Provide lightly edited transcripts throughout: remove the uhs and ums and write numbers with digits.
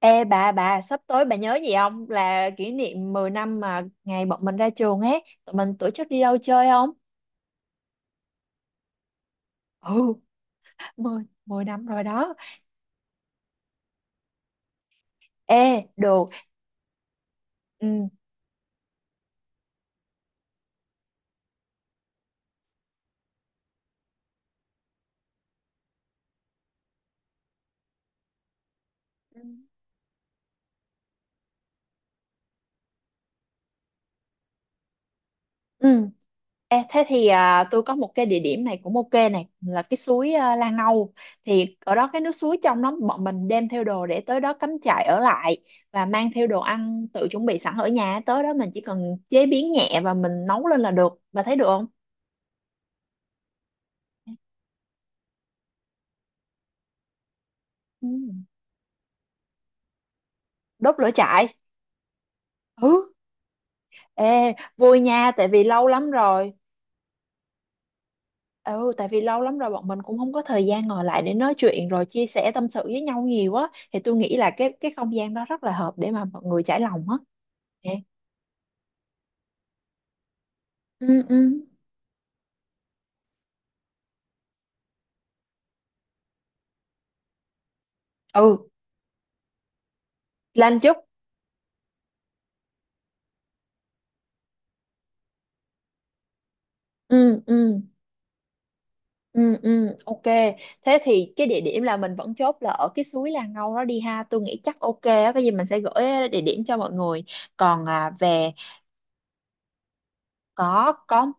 Ê bà sắp tới bà nhớ gì không, là kỷ niệm 10 năm mà ngày bọn mình ra trường ấy, tụi mình tổ chức đi đâu chơi không? Ừ, 10 năm rồi đó. Ê được. Ừ. Ừ. Ừ. Ê, thế thì tôi có một cái địa điểm này cũng ok này, là cái suối Lan Âu. Thì ở đó cái nước suối trong, đó bọn mình đem theo đồ để tới đó cắm trại ở lại, và mang theo đồ ăn tự chuẩn bị sẵn ở nhà, tới đó mình chỉ cần chế biến nhẹ và mình nấu lên là được. Bà thấy được không? Ừ. Đốt lửa trại. Ừ. Ê, vui nha, tại vì lâu lắm rồi. Ừ, tại vì lâu lắm rồi bọn mình cũng không có thời gian ngồi lại để nói chuyện rồi chia sẻ tâm sự với nhau nhiều á. Thì tôi nghĩ là cái không gian đó rất là hợp để mà mọi người trải lòng á. Nè. Ừ, ừ. Ừ, Lan Chúc. Ừ, ừ, ừ, ừ, ok. Thế thì cái địa điểm là mình vẫn chốt là ở cái suối Là Ngâu đó đi ha. Tôi nghĩ chắc ok á, cái gì mình sẽ gửi địa điểm cho mọi người. Còn về có. có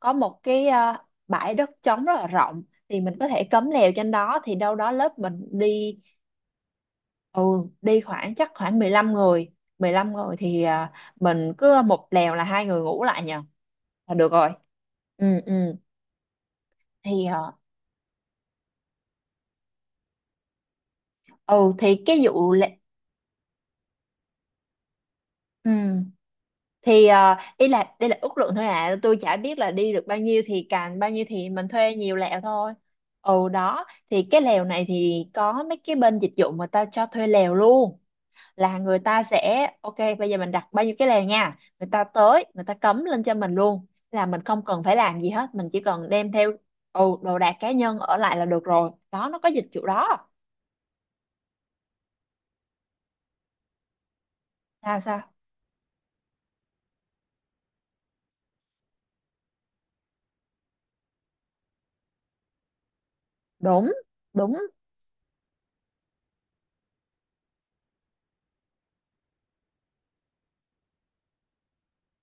có một cái bãi đất trống rất là rộng, thì mình có thể cấm lều trên đó, thì đâu đó lớp mình đi. Ừ, đi khoảng chắc khoảng 15 người. 15 người thì mình cứ 1 lều là 2 người ngủ lại nhờ là được rồi. Ừ, ừ. thì ờ, ừ thì cái vụ lệ- ừ ý là đây là ước lượng thôi à, tôi chả biết là đi được bao nhiêu, thì càng bao nhiêu thì mình thuê nhiều lều thôi. Ừ đó, thì cái lều này thì có mấy cái bên dịch vụ mà ta cho thuê lều luôn, là người ta sẽ ok, bây giờ mình đặt bao nhiêu cái lèo nha, người ta tới người ta cấm lên cho mình luôn, là mình không cần phải làm gì hết, mình chỉ cần đem theo đồ đạc cá nhân ở lại là được rồi đó, nó có dịch vụ đó. Sao sao. Đúng. Đúng.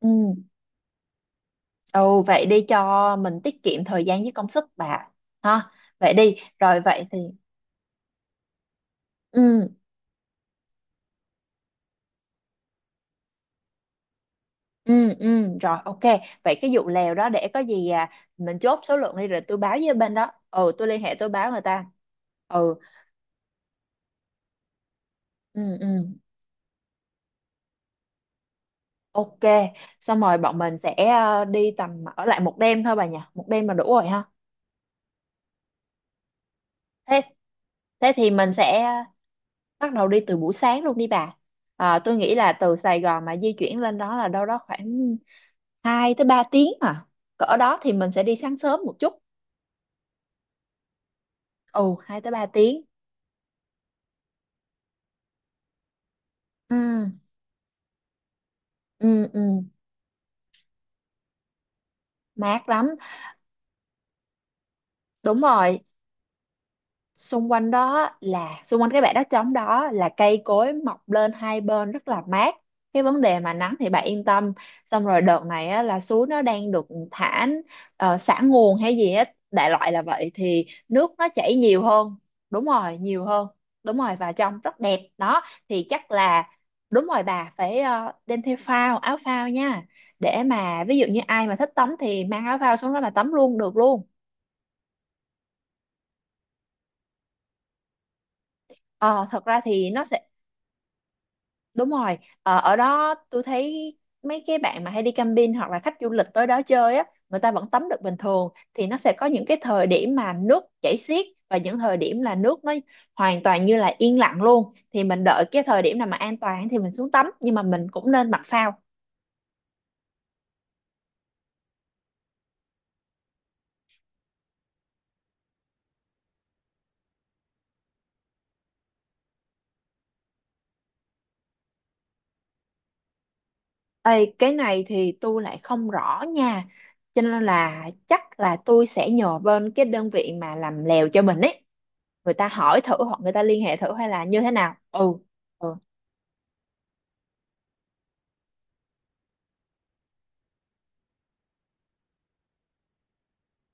Ừ. Ừ. Vậy đi cho mình tiết kiệm thời gian với công sức, bà ha. Vậy đi rồi. Vậy thì ừ, ừ, ừ, rồi ok. Vậy cái vụ lèo đó, để có gì mình chốt số lượng đi rồi tôi báo với bên đó. Ừ, tôi liên hệ, tôi báo người ta. Ừ, ừ, ừ. Ok, xong rồi bọn mình sẽ đi tầm ở lại 1 đêm thôi bà nhỉ, 1 đêm là đủ rồi ha. Thế thế thì mình sẽ bắt đầu đi từ buổi sáng luôn đi bà. À, tôi nghĩ là từ Sài Gòn mà di chuyển lên đó là đâu đó khoảng 2 tới 3 tiếng à. Cỡ đó thì mình sẽ đi sáng sớm một chút. Ồ, 2 tới 3 tiếng. Ừ, ừ, ừ, mát lắm. Đúng rồi, xung quanh đó là xung quanh cái bãi đất trống đó là cây cối mọc lên hai bên rất là mát. Cái vấn đề mà nắng thì bạn yên tâm. Xong rồi đợt này á, là suối nó đang được thả, xả nguồn hay gì á, đại loại là vậy, thì nước nó chảy nhiều hơn. Đúng rồi, nhiều hơn. Đúng rồi, và trông rất đẹp đó. Thì chắc là đúng rồi, bà phải đem theo phao, áo phao nha, để mà ví dụ như ai mà thích tắm thì mang áo phao xuống đó mà tắm luôn được luôn. Ờ, thật ra thì nó sẽ. Đúng rồi, ờ, ở đó tôi thấy mấy cái bạn mà hay đi camping hoặc là khách du lịch tới đó chơi á, người ta vẫn tắm được bình thường. Thì nó sẽ có những cái thời điểm mà nước chảy xiết, và những thời điểm là nước nó hoàn toàn như là yên lặng luôn, thì mình đợi cái thời điểm nào mà an toàn thì mình xuống tắm, nhưng mà mình cũng nên mặc phao. Ê, cái này thì tôi lại không rõ nha. Cho nên là chắc là tôi sẽ nhờ bên cái đơn vị mà làm lèo cho mình ấy. Người ta hỏi thử, hoặc người ta liên hệ thử hay là như thế nào. Ừ. Ừ.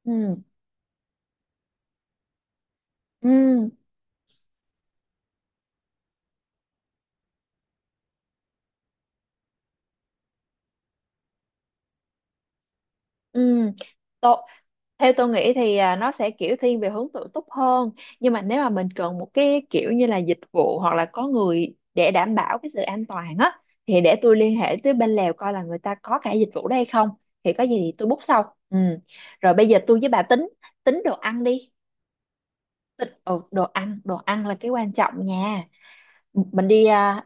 Ừ. Ừ, ừ, tôi theo tôi nghĩ thì nó sẽ kiểu thiên về hướng tự túc hơn, nhưng mà nếu mà mình cần một cái kiểu như là dịch vụ hoặc là có người để đảm bảo cái sự an toàn á, thì để tôi liên hệ tới bên Lào coi là người ta có cả dịch vụ đây không, thì có gì thì tôi book sau. Ừ, rồi bây giờ tôi với bà tính tính đồ ăn đi. Tính, ừ, đồ ăn, đồ ăn là cái quan trọng nha. mình đi à,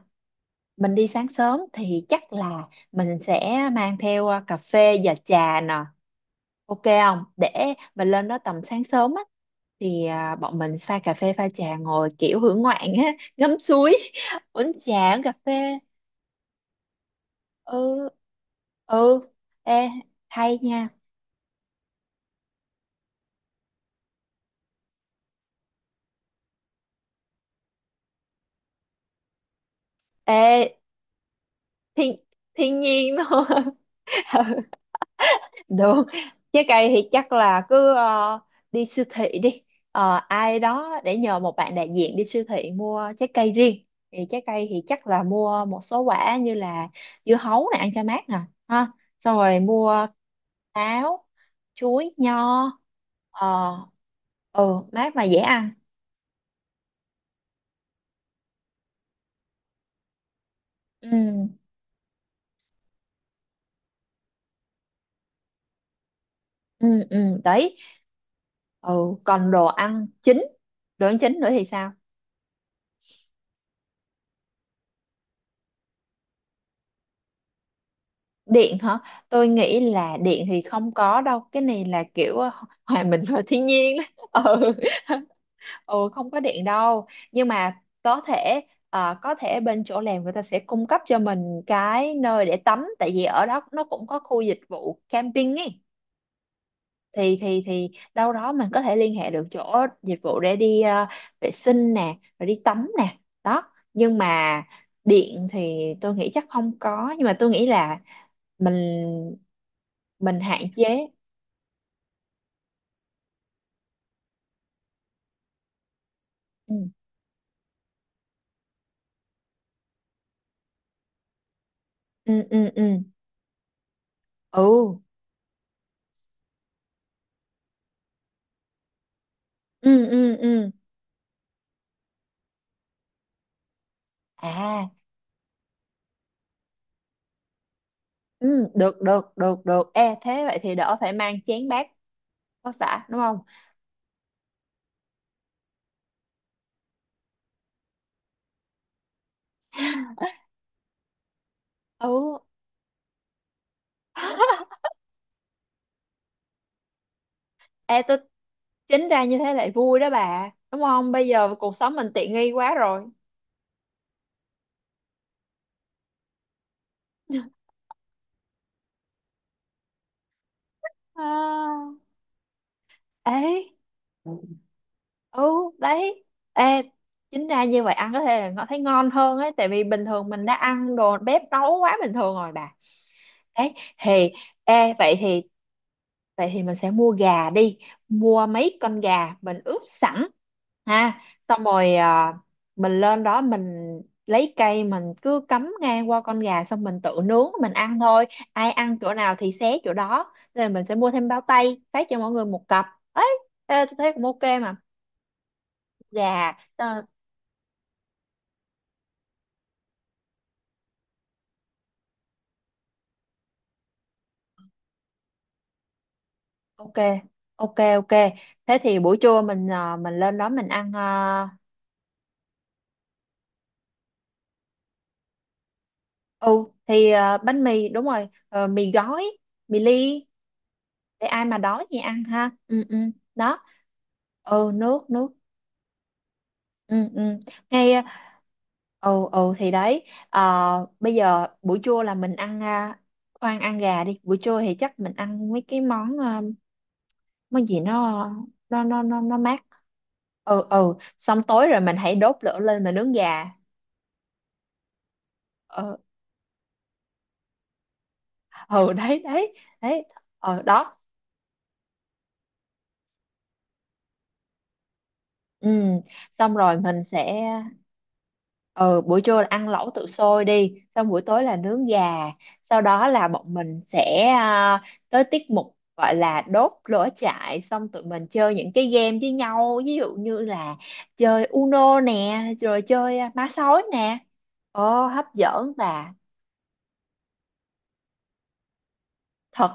mình đi sáng sớm thì chắc là mình sẽ mang theo cà phê và trà nè. Ok không? Để mình lên đó tầm sáng sớm á, thì bọn mình pha cà phê pha trà ngồi kiểu hưởng ngoạn á, ngắm suối, uống trà, uống cà phê. Ừ, ừ. Ê, hay nha. Ê, thiên thiên nhiên luôn. Được, trái cây thì chắc là cứ đi siêu thị đi. Ờ, ai đó để nhờ một bạn đại diện đi siêu thị mua trái cây riêng. Thì trái cây thì chắc là mua một số quả như là dưa hấu này ăn cho mát nè, ha. Xong rồi mua táo, chuối, nho. Ờ, ừ, mát mà dễ ăn. Ừ, ừ, ừ, đấy. Ừ, còn đồ ăn chính nữa thì sao? Điện hả? Tôi nghĩ là điện thì không có đâu, cái này là kiểu hòa mình vào thiên nhiên đó. Ừ. Ừ không có điện đâu, nhưng mà có thể có thể bên chỗ làm người ta sẽ cung cấp cho mình cái nơi để tắm, tại vì ở đó nó cũng có khu dịch vụ camping ấy, thì thì đâu đó mình có thể liên hệ được chỗ dịch vụ để đi vệ sinh nè, rồi đi tắm nè. Đó nhưng mà điện thì tôi nghĩ chắc không có, nhưng mà tôi nghĩ là mình mình hạn chế. Ừ, ừ, ừ, ừ, ừ, ừ, ừ, ừ. À. Ừ, được được được được. E thế vậy thì đỡ phải mang chén bát, có phải đúng không. Ừ. E tôi chính ra như thế lại vui đó bà, đúng không, bây giờ cuộc sống mình tiện nghi quá rồi. À, ấy. Ừ, đấy. Ê chính ra như vậy ăn có thể là nó thấy ngon hơn ấy, tại vì bình thường mình đã ăn đồ bếp nấu quá bình thường rồi bà. Đấy thì ê vậy thì mình sẽ mua gà đi, mua mấy con gà mình ướp sẵn ha. Xong rồi mình lên đó mình lấy cây mình cứ cắm ngang qua con gà, xong mình tự nướng mình ăn thôi. Ai ăn chỗ nào thì xé chỗ đó, nên là mình sẽ mua thêm bao tay phát cho mọi người một cặp ấy. Ê, tôi thấy cũng ok mà. Gà ờ, ok ok ok. Thế thì buổi trưa mình mình lên đó mình ăn. Uh, ừ thì bánh mì đúng rồi, ờ, mì gói, mì ly, để ai mà đói thì ăn ha. Ừ, ừ đó. Ừ nước nước. Ừ, ừ ngay. Ừ, ừ thì đấy. Ờ, bây giờ buổi trưa là mình ăn khoan ăn gà đi, buổi trưa thì chắc mình ăn mấy cái món món gì nó mát. Ừ, ừ. Xong tối rồi mình hãy đốt lửa lên mà nướng gà. Ừ, ừ. đấy đấy đấy ờ đó. Ừ xong rồi mình sẽ. Ừ, buổi trưa là ăn lẩu tự sôi đi, xong buổi tối là nướng gà. Sau đó là bọn mình sẽ tới tiết mục gọi là đốt lửa trại, xong tụi mình chơi những cái game với nhau, ví dụ như là chơi Uno nè, rồi chơi má sói nè. Ờ hấp dẫn và thật.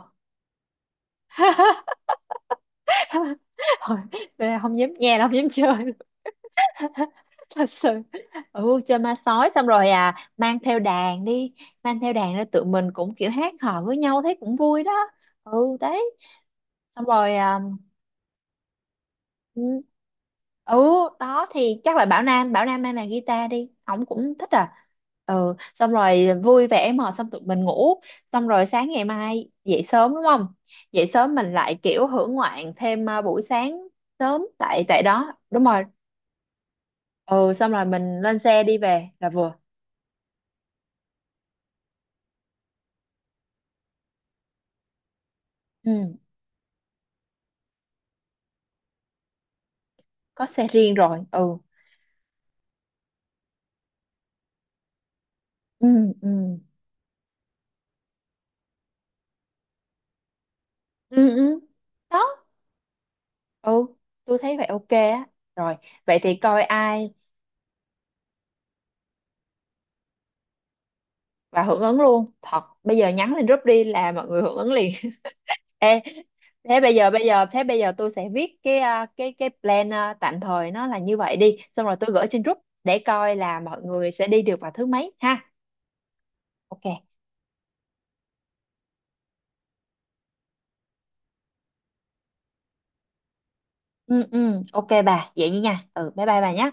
Thôi, tôi không dám nghe, không dám chơi. Thật sự ừ chơi ma sói, xong rồi à mang theo đàn đi. Mang theo đàn ra tụi mình cũng kiểu hát hò với nhau thấy cũng vui đó. Ừ đấy. Xong rồi ừ, ừ, đó thì chắc là Bảo Nam mang đàn guitar đi, ổng cũng thích à. Ừ xong rồi vui vẻ mà, xong tụi mình ngủ, xong rồi sáng ngày mai dậy sớm đúng không. Dậy sớm mình lại kiểu hưởng ngoạn thêm buổi sáng sớm tại tại đó đúng rồi. Ừ xong rồi mình lên xe đi về là vừa. Ừ có xe riêng rồi. Ừ, ừ, ừ, ừ, ừ đó. Ừ tôi thấy vậy ok á. Rồi vậy thì coi ai và hưởng ứng luôn thật, bây giờ nhắn lên group đi là mọi người hưởng ứng liền. Ê, thế bây giờ tôi sẽ viết cái cái plan tạm thời nó là như vậy đi, xong rồi tôi gửi trên group để coi là mọi người sẽ đi được vào thứ mấy ha. Ok. Ừ, ừ ok bà vậy nha, ừ bye bye bà nhé.